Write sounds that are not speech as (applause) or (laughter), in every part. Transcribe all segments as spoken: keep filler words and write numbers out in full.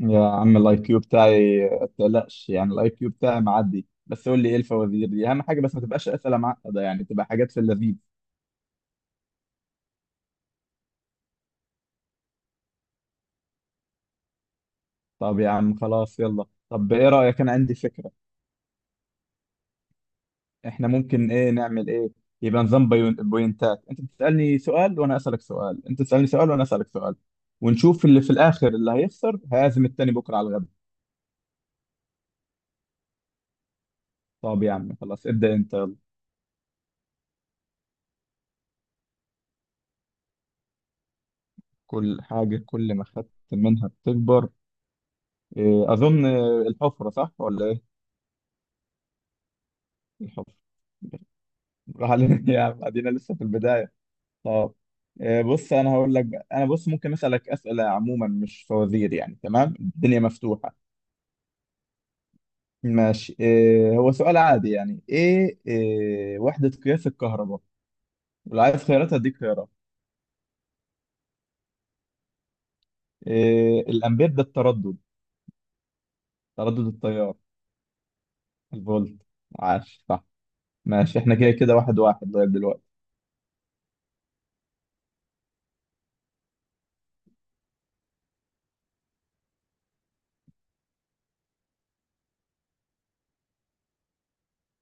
يا عم الاي كيو بتاعي ما تقلقش، يعني الاي كيو بتاعي معدي. بس قول لي ايه الفوازير دي؟ اهم حاجه بس ما تبقاش اسئله معقده، يعني تبقى حاجات في اللذيذ. طب يا عم خلاص يلا. طب ايه رايك؟ انا عندي فكره. احنا ممكن ايه نعمل ايه؟ يبقى نظام بيون- بوينتات. انت بتسالني سؤال وانا اسالك سؤال، انت تسالني سؤال وانا اسالك سؤال، ونشوف اللي في الاخر اللي هيخسر هيعزم التاني بكره على الغدا. طب يا عم خلاص ابدا انت يلا. كل حاجه كل ما خدت منها بتكبر. إيه، اظن إيه، الحفره، صح ولا ايه؟ الحفره. روح علينا (laughs) يا عم، ادينا لسه في البدايه. طب. آه، بص انا هقول لك بقى. انا بص ممكن اسالك اسئله عموما، مش فوازير يعني، تمام؟ الدنيا مفتوحه. ماشي. آه، هو سؤال عادي يعني. ايه آه، وحده قياس الكهرباء. ولو عايز خيارات هديك خيارات. آه، الامبير ده التردد؟ تردد التيار؟ الفولت. عاش، صح. ماشي، احنا كده كده واحد واحد لغايه دلوقتي.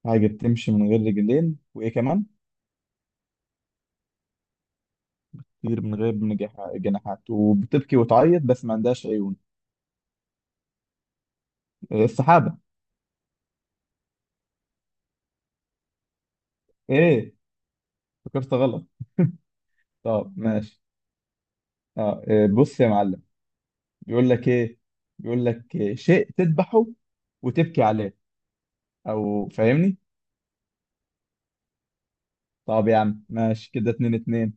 حاجه بتمشي من غير رجلين وايه كمان؟ طير من غير من جح- جناحات، وبتبكي وتعيط بس ما عندهاش عيون. آه، السحابه. ايه، فكرت غلط. طب ماشي. اه إيه، بص يا معلم، بيقول لك ايه. بيقول لك إيه؟ شيء تذبحه وتبكي عليه، او فاهمني. طب يا عم ماشي، كده اتنين اتنين.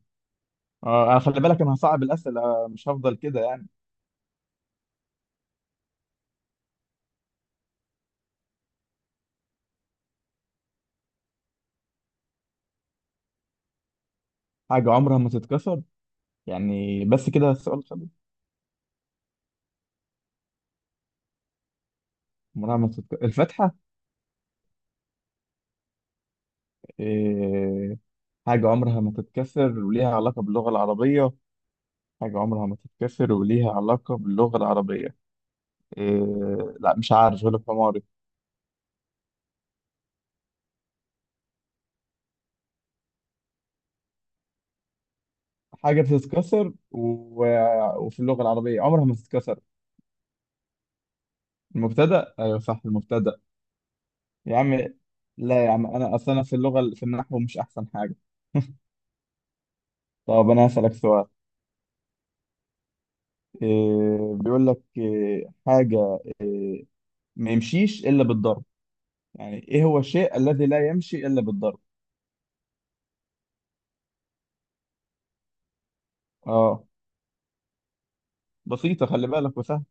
اه، أنا خلي بالك انا هصعب الاسئله آه، مش هفضل كده يعني. حاجه عمرها ما تتكسر. يعني بس كده السؤال خلص؟ عمرها ما تتكسر الفتحه؟ إيه. حاجه عمرها ما تتكسر وليها علاقه باللغه العربيه. حاجه عمرها ما تتكسر وليها علاقه باللغه العربيه. إيه. لا مش عارف، غلب حماري. حاجة بتتكسر و... وفي اللغة العربية عمرها ما تتكسر. المبتدأ. أيوة صح، المبتدأ. يا عم، لا يا عم، أنا أصلا أنا في اللغة، في النحو، مش أحسن حاجة. (laughs) طب أنا هسألك سؤال. إيه بيقول لك إيه؟ حاجة ما يمشيش إلا بالضرب. يعني إيه هو الشيء الذي لا يمشي إلا بالضرب. آه. بسيطة خلي بالك، وسهل.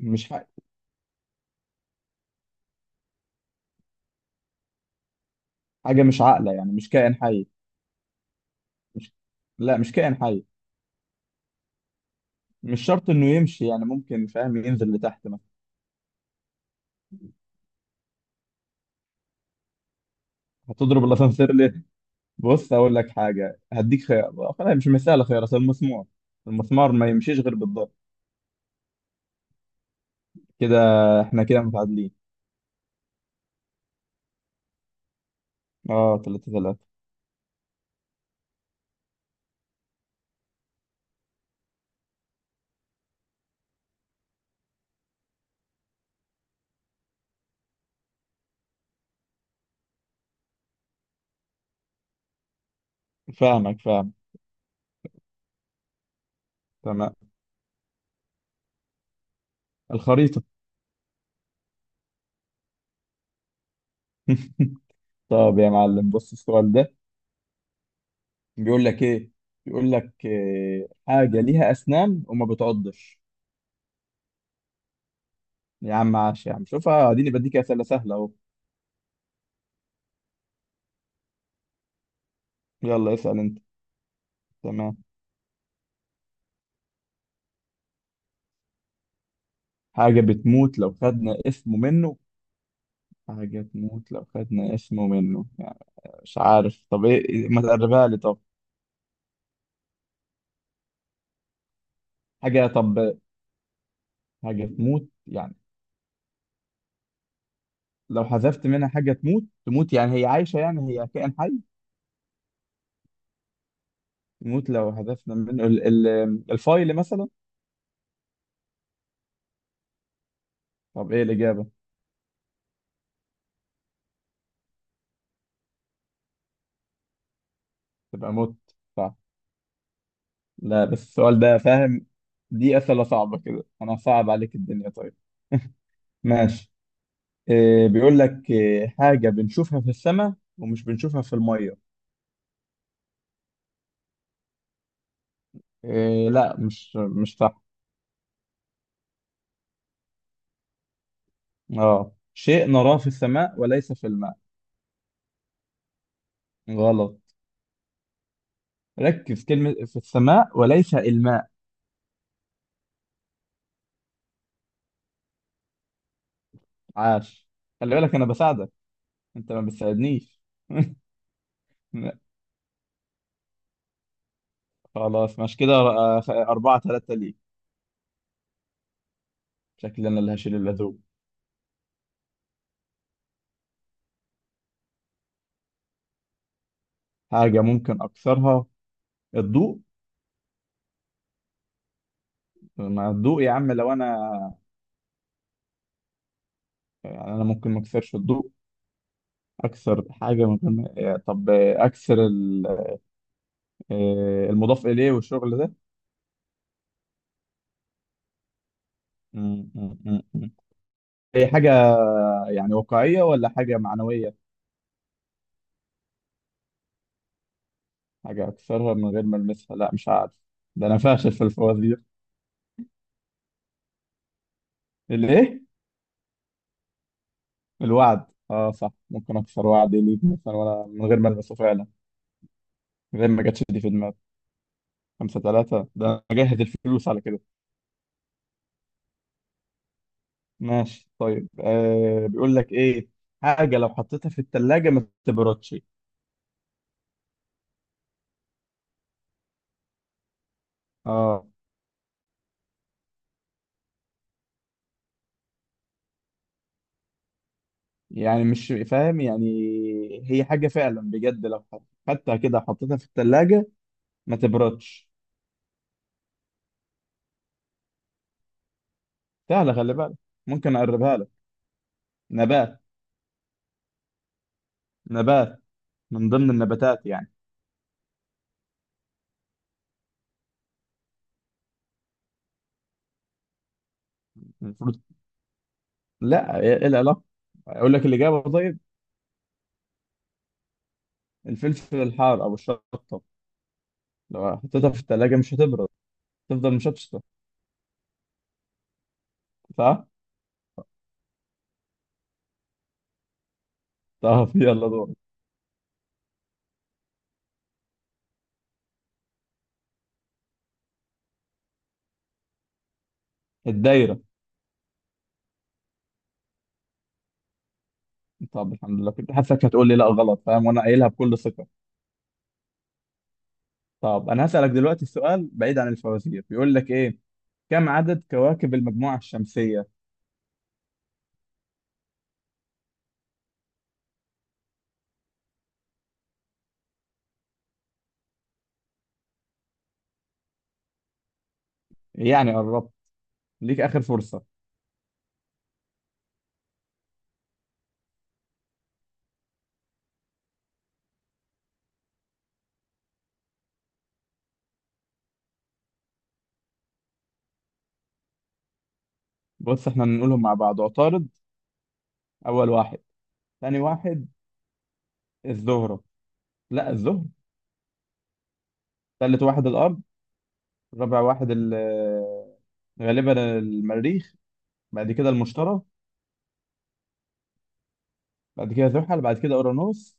مش حاجة. حاجة مش عاقلة، يعني مش كائن حي. مش، لا مش كائن حي. مش شرط إنه يمشي يعني، ممكن فاهم ينزل لتحت مثلا. هتضرب الأسانسير؟ بص اقول لك حاجه، هديك خيار. خلاص مش مساله خيار اصل، المسمار. المسمار ما يمشيش غير بالضبط. كده احنا كده متعادلين. اه، ثلاثة ثلاثة. فاهمك، فاهم. تمام. الخريطه. (laughs) طب يا معلم بص السؤال ده، بيقول لك ايه. بيقول لك إيه؟ حاجه ليها اسنان وما بتعضش. يا عم عاش، يا عم شوفها، اديني بديك اسئله سهله اهو. يلا اسال انت. تمام. حاجه بتموت لو خدنا اسمه منه. حاجه تموت لو خدنا اسمه منه. مش عارف، طب ايه؟ ما تقربها لي طب. حاجة طب. حاجة تموت يعني لو حذفت منها حاجة تموت، تموت يعني هي عايشة، يعني هي كائن حي؟ تموت لو حذفنا منه ال ال الفايل مثلا. طب ايه الإجابة؟ تبقى موت. صح. لا بس السؤال ده فاهم، دي أسئلة صعبة كده. أنا صعب عليك الدنيا طيب. (laughs) ماشي. إيه بيقول لك إيه؟ حاجة بنشوفها في السماء ومش بنشوفها في المية. إيه، لا مش مش صح. اه، شيء نراه في السماء وليس في الماء. غلط. ركز كلمة في السماء وليس الماء. عاش. خلي بالك أنا بساعدك. أنت ما بتساعدنيش. (laughs) لا، خلاص مش كده. آه، خ- أربعة ثلاثة ليك. شكلي أنا اللي هشيل اللزوم. حاجة ممكن أكسرها. الضوء. ما الضوء يا عم لو أنا. يعني أنا ممكن ما أكسرش الضوء. أكسر حاجة ممكن، آه، طب آه، أكسر ال- آه، المضاف إليه والشغل ده. م- م- م- م. هي حاجة يعني واقعية ولا حاجة معنوية؟ حاجة أكسرها من غير ما ألمسها، لا مش عارف. ده أنا فاشل في الفوازير. الإيه؟ الوعد. أه صح، ممكن أكسر وعدي ليك مثلا وأنا من غير ما ألمسه فعلا. غير ما جاتش دي في دماغي. خمسة ثلاثة. ده أنا مجهز الفلوس على كده. ماشي طيب. آه بيقول لك إيه. حاجة لو حطيتها في التلاجة ما تبردش. أه. يعني مش فاهم يعني. هي حاجة فعلا بجد، لو حط- خدتها كده حطيتها في التلاجة ما تبردش. سهلة خلي بالك. ممكن أقربها لك. نبات. نبات، من ضمن النباتات يعني. المفروض. لا ايه، إيه العلاقه؟ اقول لك الاجابه طيب. الفلفل الحار او الشطه، لو حطيتها في الثلاجه مش هتبرد، تفضل مشطشطه. صح. طب يلا دور. الدايره. طب الحمد لله، كنت حاسسك هتقول لي لا غلط، فاهم؟ وانا قايلها بكل ثقه. طب انا هسالك دلوقتي السؤال بعيد عن الفوازير. بيقول لك ايه؟ كم عدد كواكب المجموعه الشمسيه؟ يعني قربت، ليك اخر فرصه. بص احنا نقولهم مع بعض. عطارد اول واحد. ثاني واحد الزهره، لا الزهره. ثالث واحد الارض. رابع واحد ال- غالبا المريخ. بعد كده المشتري. بعد كده زحل. بعد كده اورانوس.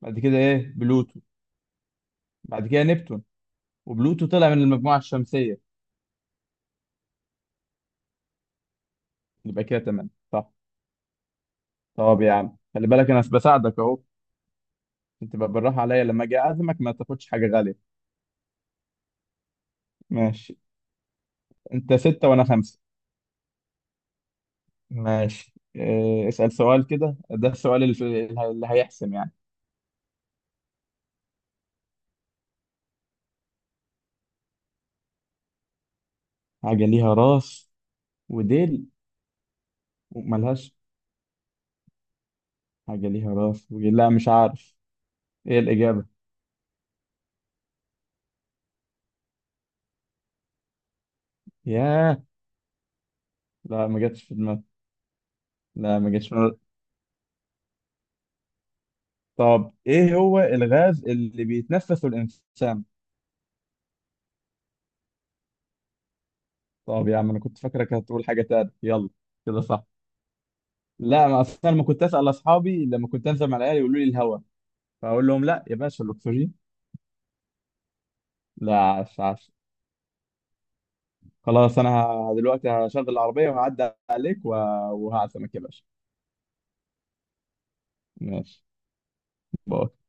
بعد كده ايه، بلوتو. بعد كده نبتون. وبلوتو طلع من المجموعة الشمسية. يبقى كده تمام، صح. طب يا عم خلي بالك انا بساعدك اهو. انت بقى بالراحة عليا لما اجي اعزمك، ما تاخدش حاجة غالية. ماشي. انت ستة وانا خمسة. ماشي. إيه، اسأل سؤال كده، ده السؤال اللي، اللي هيحسم يعني. حاجة ليها راس وديل. وملهاش. حاجة ليها راس وديل، لا مش عارف. ايه الإجابة؟ ياه. لا ما جاتش في دماغي. لا ما جاتش في دماغي. طب ايه هو الغاز اللي بيتنفسه الانسان؟ طب يا عم انا كنت فاكرك هتقول حاجه تانية. يلا. كده صح. لا، ما اصل انا لما كنت اسال اصحابي لما كنت انزل مع العيال يقولوا لي الهواء، فاقول لهم لا يا باشا، الاكسجين. لا، عش عش. خلاص انا ه- دلوقتي هشغل العربيه وهعدي عليك وه- وهعزمك يا باشا. ماشي. باي.